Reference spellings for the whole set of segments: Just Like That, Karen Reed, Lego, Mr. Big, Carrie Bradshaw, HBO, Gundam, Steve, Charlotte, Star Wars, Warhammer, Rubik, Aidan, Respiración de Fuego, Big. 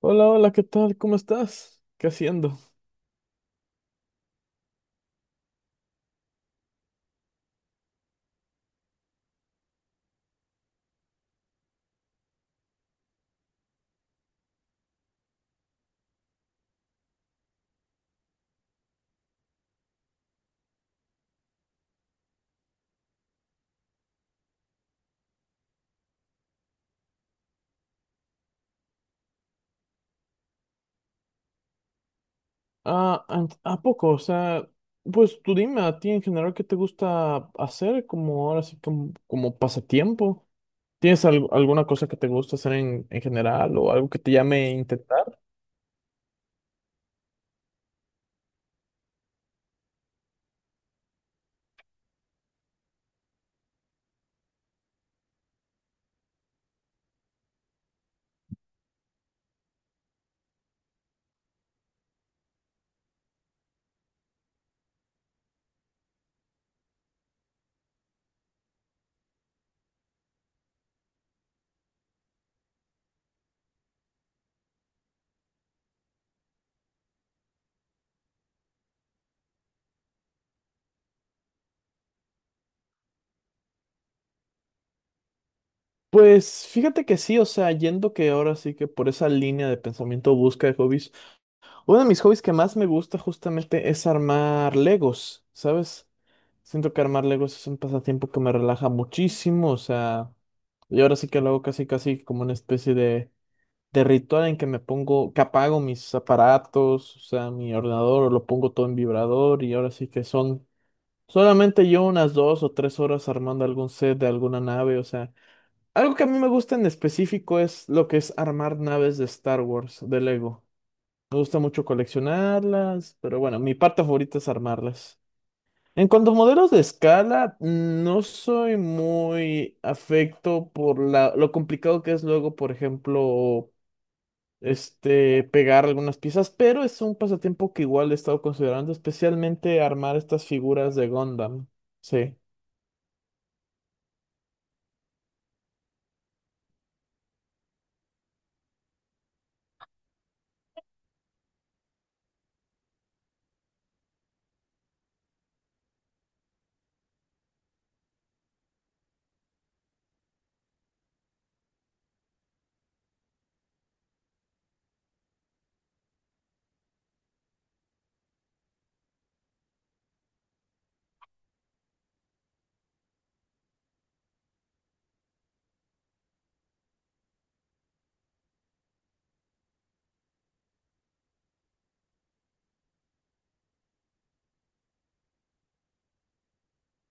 Hola, hola, ¿qué tal? ¿Cómo estás? ¿Qué haciendo? Ah, ¿a poco? O sea, pues tú dime a ti en general qué te gusta hacer como ahora sí como pasatiempo. ¿Tienes alguna cosa que te gusta hacer en general o algo que te llame a intentar? Pues fíjate que sí, o sea, yendo que ahora sí que por esa línea de pensamiento busca de hobbies. Uno de mis hobbies que más me gusta justamente es armar Legos, ¿sabes? Siento que armar Legos es un pasatiempo que me relaja muchísimo, o sea, y ahora sí que lo hago casi casi como una especie de ritual en que me pongo, que apago mis aparatos, o sea, mi ordenador, o lo pongo todo en vibrador y ahora sí que son solamente yo unas 2 o 3 horas armando algún set de alguna nave, o sea, algo que a mí me gusta en específico es lo que es armar naves de Star Wars, de Lego. Me gusta mucho coleccionarlas, pero bueno, mi parte favorita es armarlas. En cuanto a modelos de escala, no soy muy afecto por la, lo complicado que es luego, por ejemplo, pegar algunas piezas, pero es un pasatiempo que igual he estado considerando, especialmente armar estas figuras de Gundam. Sí.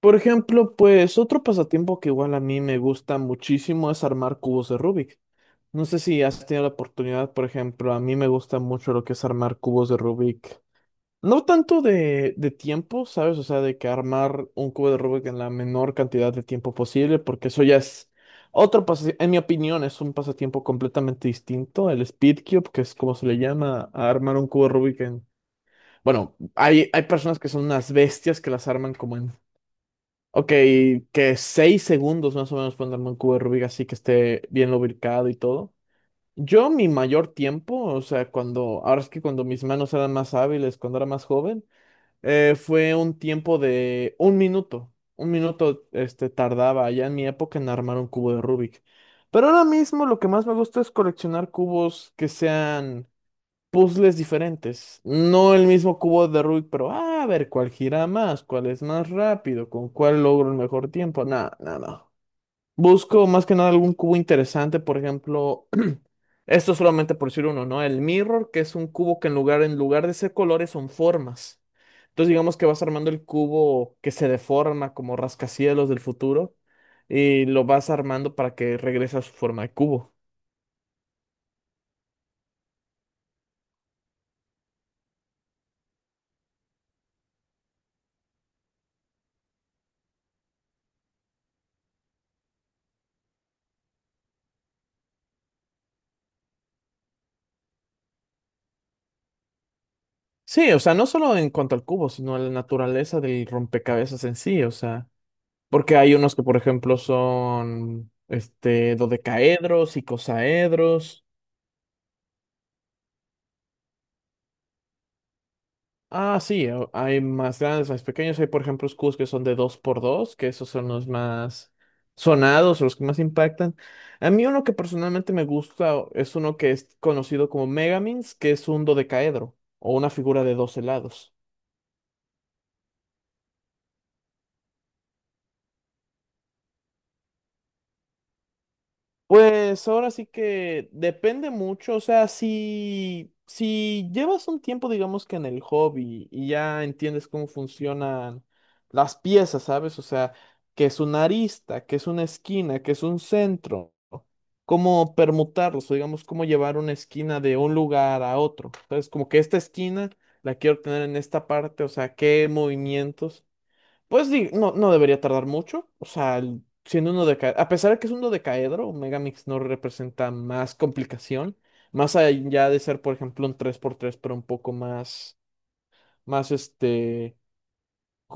Por ejemplo, pues otro pasatiempo que igual a mí me gusta muchísimo es armar cubos de Rubik. No sé si has tenido la oportunidad, por ejemplo, a mí me gusta mucho lo que es armar cubos de Rubik. No tanto de tiempo, ¿sabes? O sea, de que armar un cubo de Rubik en la menor cantidad de tiempo posible, porque eso ya es otro pasatiempo, en mi opinión, es un pasatiempo completamente distinto. El speed cube, que es como se le llama a armar un cubo de Rubik en... Bueno, hay personas que son unas bestias que las arman como en... Ok, que 6 segundos más o menos pueden armar un cubo de Rubik así que esté bien lubricado y todo. Yo mi mayor tiempo, o sea, cuando, ahora es que cuando mis manos eran más hábiles, cuando era más joven, fue un tiempo de 1 minuto. 1 minuto, tardaba ya en mi época en armar un cubo de Rubik. Pero ahora mismo lo que más me gusta es coleccionar cubos que sean puzzles diferentes. No el mismo cubo de Rubik, pero ah, a ver cuál gira más, cuál es más rápido, con cuál logro el mejor tiempo. Nada, nada. Busco más que nada algún cubo interesante, por ejemplo, esto solamente por decir uno, ¿no? El mirror, que es un cubo que en lugar de ser colores son formas. Entonces digamos que vas armando el cubo que se deforma como rascacielos del futuro y lo vas armando para que regrese a su forma de cubo. Sí, o sea, no solo en cuanto al cubo, sino a la naturaleza del rompecabezas en sí, o sea, porque hay unos que, por ejemplo, son dodecaedros, icosaedros. Ah, sí, hay más grandes, más pequeños. Hay, por ejemplo, escudos que son de 2x2, que esos son los más sonados, los que más impactan. A mí uno que personalmente me gusta es uno que es conocido como Megamins, que es un dodecaedro o una figura de 12 lados. Pues ahora sí que depende mucho, o sea, si llevas un tiempo, digamos que en el hobby y ya entiendes cómo funcionan las piezas, ¿sabes? O sea, que es una arista, que es una esquina, que es un centro, cómo permutarlos, o digamos, cómo llevar una esquina de un lugar a otro, ¿sabes? Como que esta esquina la quiero tener en esta parte, o sea, qué movimientos. Pues no, no debería tardar mucho. O sea, siendo uno de a pesar de que es un dodecaedro, Megamix no representa más complicación. Más allá de ser, por ejemplo, un 3x3 pero un poco más, más este,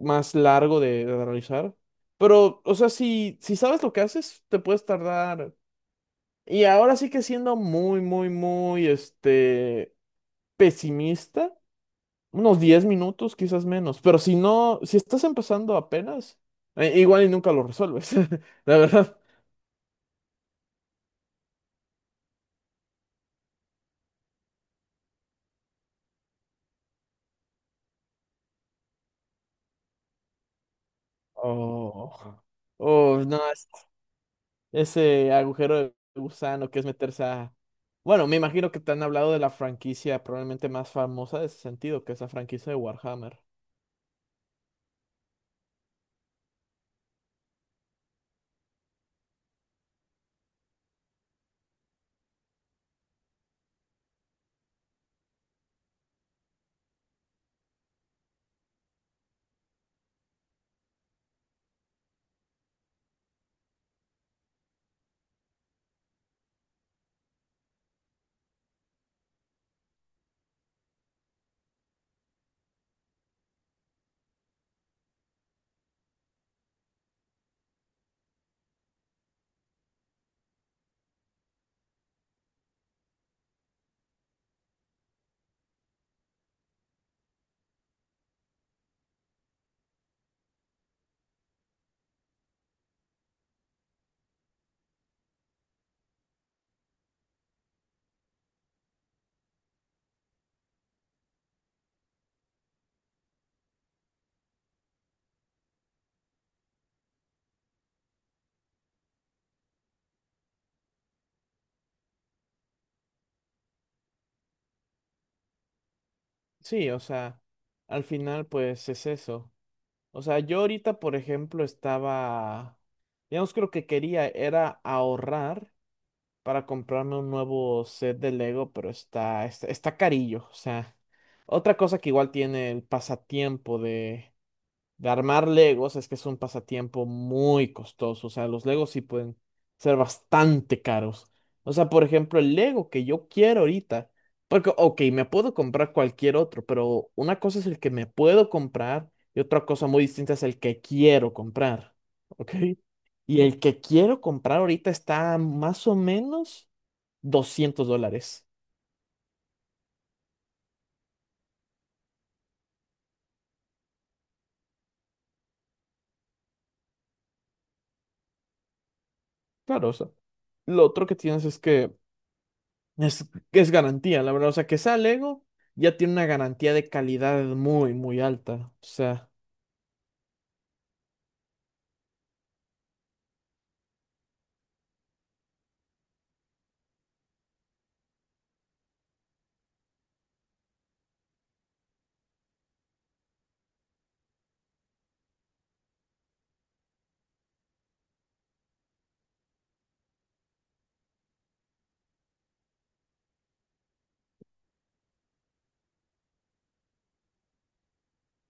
más largo de realizar. Pero, o sea, si sabes lo que haces, te puedes tardar. Y ahora sí que siendo muy, muy, muy, pesimista. Unos 10 minutos, quizás menos. Pero si no, si estás empezando apenas, igual y nunca lo resuelves, la verdad. Oh, oh, no, ese agujero de gusano que es meterse a... Bueno, me imagino que te han hablado de la franquicia probablemente más famosa de ese sentido, que es la franquicia de Warhammer. Sí, o sea, al final pues es eso. O sea, yo ahorita, por ejemplo, estaba... Digamos que lo que quería era ahorrar para comprarme un nuevo set de Lego, pero está carillo. O sea, otra cosa que igual tiene el pasatiempo de armar Legos es que es un pasatiempo muy costoso. O sea, los Legos sí pueden ser bastante caros. O sea, por ejemplo, el Lego que yo quiero ahorita, porque, ok, me puedo comprar cualquier otro, pero una cosa es el que me puedo comprar y otra cosa muy distinta es el que quiero comprar. ¿Ok? Y el que quiero comprar ahorita está más o menos $200. Claro, o sea, lo otro que tienes es que es, es garantía, la verdad. O sea, que sea Lego ya tiene una garantía de calidad muy, muy alta. O sea,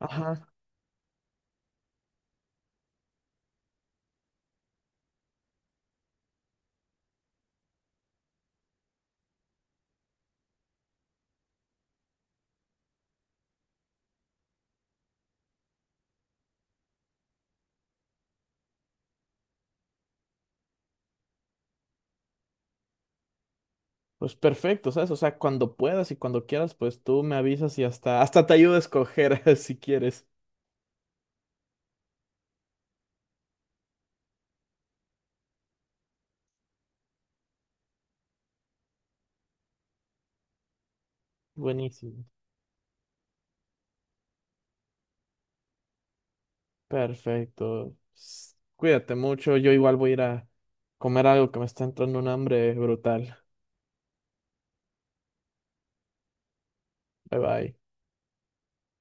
ajá, pues perfecto, ¿sabes? O sea, cuando puedas y cuando quieras, pues tú me avisas y hasta te ayudo a escoger si quieres. Buenísimo. Perfecto. Cuídate mucho. Yo igual voy a ir a comer algo que me está entrando un hambre brutal. Bye bye.